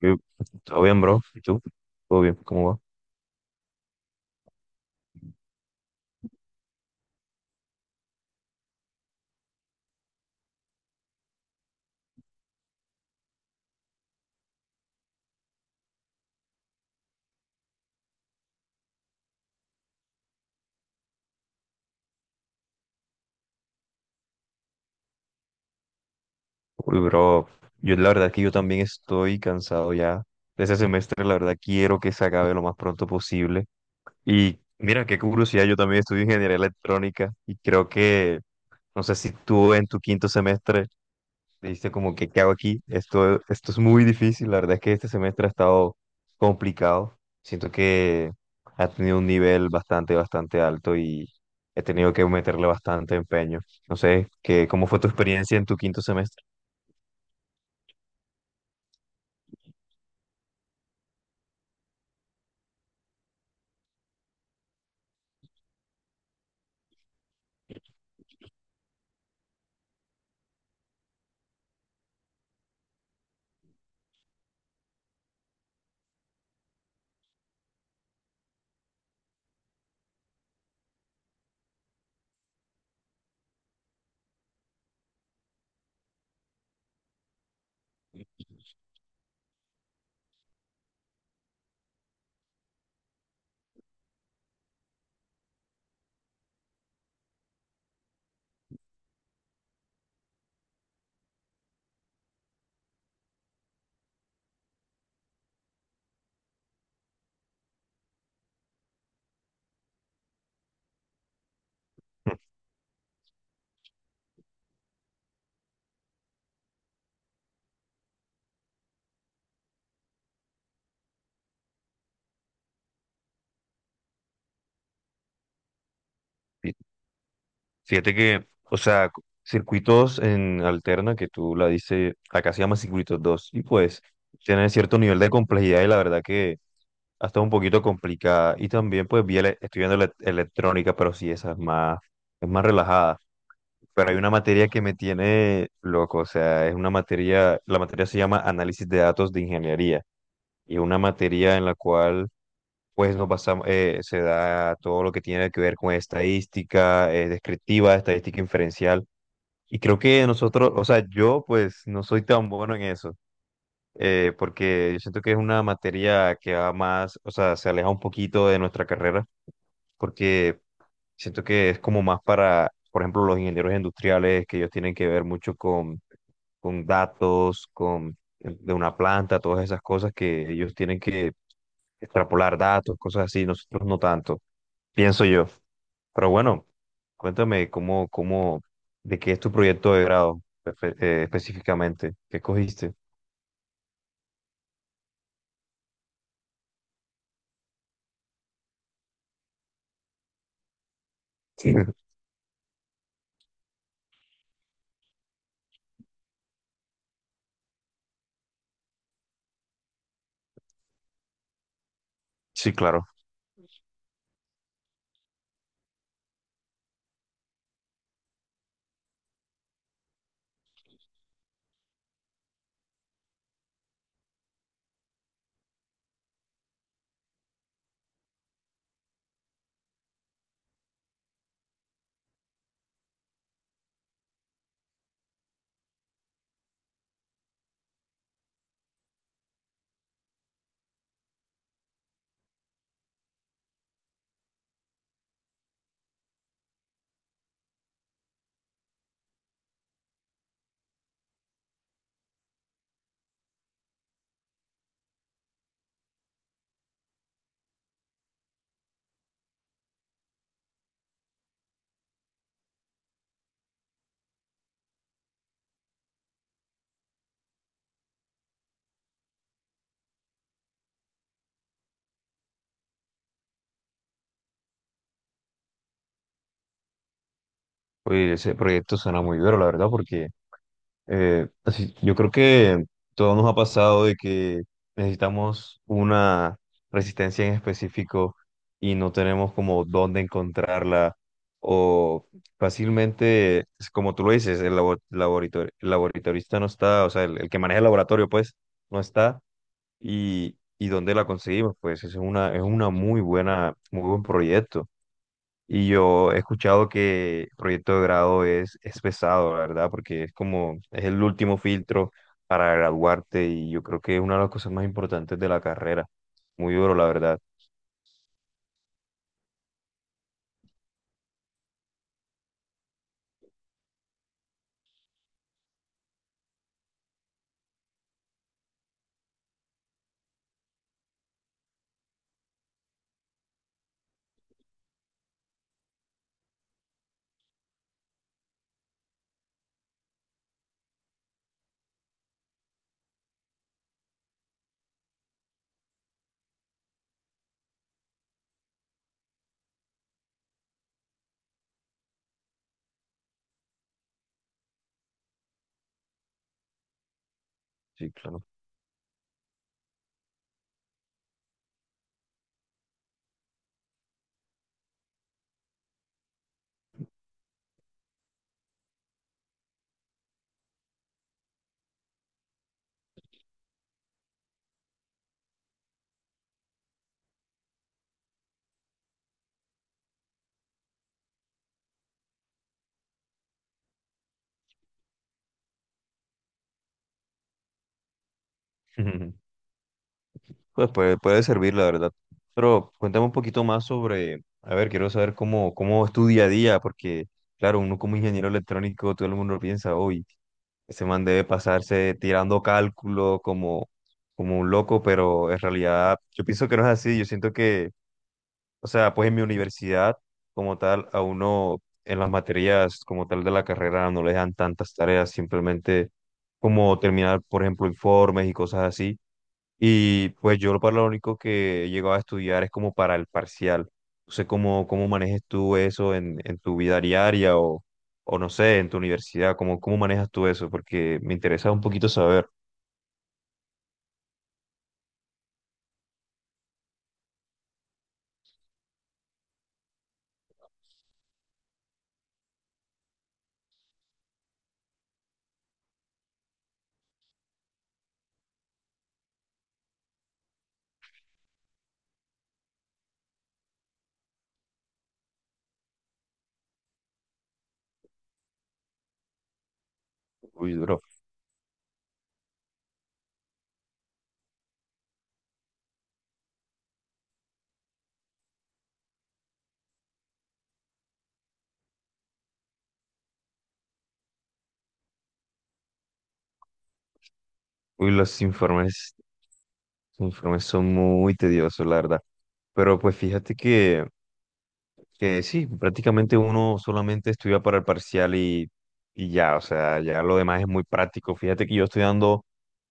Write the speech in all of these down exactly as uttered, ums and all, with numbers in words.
¿Qué? ¿Todo bien, bro? ¿Y tú? ¿Todo bien? ¿Cómo va? Uy, bro, yo la verdad que yo también estoy cansado ya de ese semestre, la verdad quiero que se acabe lo más pronto posible. Y mira, qué curiosidad, yo también estudio ingeniería electrónica y creo que, no sé si tú en tu quinto semestre dice como que, ¿qué hago aquí? Esto, esto es muy difícil. La verdad es que este semestre ha estado complicado. Siento que ha tenido un nivel bastante, bastante alto y he tenido que meterle bastante empeño. No sé, que, ¿cómo fue tu experiencia en tu quinto semestre? Fí- Fíjate que, o sea, cu- circuitos en alterna, que tú la dices, acá se llama circuitos dos y pues tienen cierto nivel de complejidad y la verdad que hasta un poquito complicada. Y también, pues, vi ele- estoy viendo ele- electrónica, pero sí, esa es más, es más relajada. Pero hay una materia que me tiene loco, o sea, es una materia, la materia se llama Análisis de Datos de Ingeniería, y es una materia en la cual, pues, nos basamos, eh, se da todo lo que tiene que ver con estadística, eh, descriptiva, estadística inferencial. Y creo que nosotros, o sea, yo pues no soy tan bueno en eso, eh, porque yo siento que es una materia que va más, o sea, se aleja un poquito de nuestra carrera, porque siento que es como más para, por ejemplo, los ingenieros industriales, que ellos tienen que ver mucho con, con datos, con eh, de una planta, todas esas cosas que ellos tienen que extrapolar datos, cosas así, nosotros no tanto, pienso yo. Pero bueno, cuéntame cómo, cómo, de qué es tu proyecto de grado espe- eh, específicamente, qué cogiste. Sí. Sí, claro. Oye, ese proyecto suena muy duro, la verdad, porque eh, así, yo creo que todo nos ha pasado de que necesitamos una resistencia en específico y no tenemos como dónde encontrarla o fácilmente, es como tú lo dices, el labo- laboratorio, el laboratorista no está, o sea, el, el que maneja el laboratorio pues no está y, y dónde la conseguimos, pues es una, es una muy buena, muy buen proyecto. Y yo he escuchado que proyecto de grado es, es pesado, la verdad, porque es como, es el último filtro para graduarte y yo creo que es una de las cosas más importantes de la carrera. Muy duro, la verdad. Sí, claro. Pues puede, puede servir, la verdad. Pero cuéntame un poquito más sobre, a ver, quiero saber cómo, cómo es tu día a día, porque claro, uno como ingeniero electrónico, todo el mundo piensa, hoy ese man debe pasarse tirando cálculo como, como un loco, pero en realidad yo pienso que no es así. Yo siento que, o sea, pues en mi universidad como tal, a uno en las materias como tal de la carrera no le dan tantas tareas, simplemente como terminar, por ejemplo, informes y cosas así y pues yo lo para lo único que he llegado a estudiar es como para el parcial. No sé cómo, cómo manejes tú eso en, en tu vida diaria o, o no sé, en tu universidad, cómo, cómo manejas tú eso, porque me interesa un poquito saber. Uy, bro. Uy, los informes, los informes son muy tediosos, la verdad. Pero pues fíjate que Que sí, prácticamente uno solamente estudia para el parcial y, y ya, o sea, ya lo demás es muy práctico. Fíjate que yo estoy dando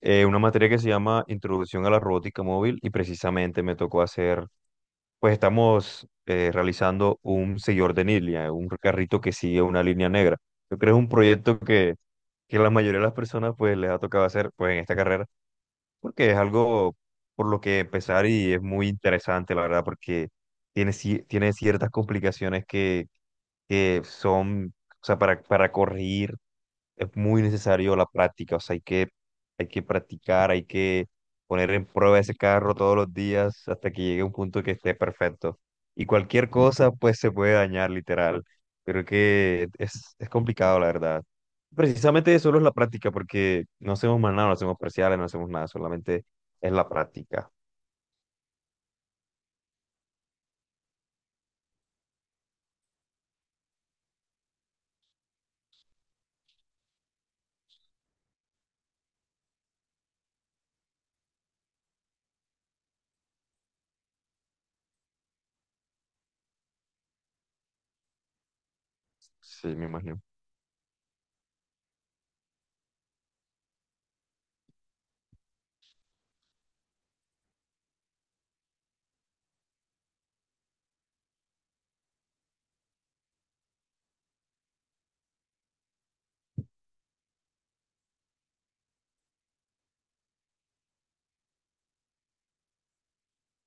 eh, una materia que se llama Introducción a la Robótica Móvil y precisamente me tocó hacer, pues estamos eh, realizando un seguidor de línea, un carrito que sigue una línea negra. Yo creo que es un proyecto que, que la mayoría de las personas pues les ha tocado hacer pues en esta carrera porque es algo por lo que empezar y es muy interesante, la verdad, porque tiene, ci- tiene ciertas complicaciones que, que son, o sea, para, para corregir es muy necesario la práctica, o sea, hay que, hay que practicar, hay que poner en prueba ese carro todos los días hasta que llegue a un punto que esté perfecto. Y cualquier cosa, pues, se puede dañar, literal. Pero que es, es complicado, la verdad. Precisamente solo es la práctica, porque no hacemos más nada, no hacemos parciales, no hacemos nada, solamente es la práctica. Sí, me imagino.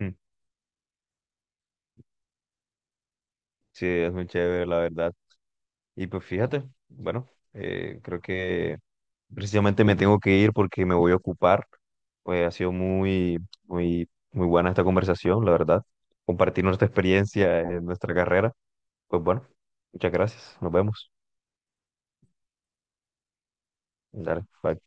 Mm, sí, es muy chévere, la verdad. Y pues fíjate, bueno, eh, creo que precisamente me tengo que ir porque me voy a ocupar. Pues ha sido muy, muy, muy buena esta conversación, la verdad. Compartir nuestra experiencia en nuestra carrera. Pues bueno, muchas gracias, nos vemos. Dale, bye.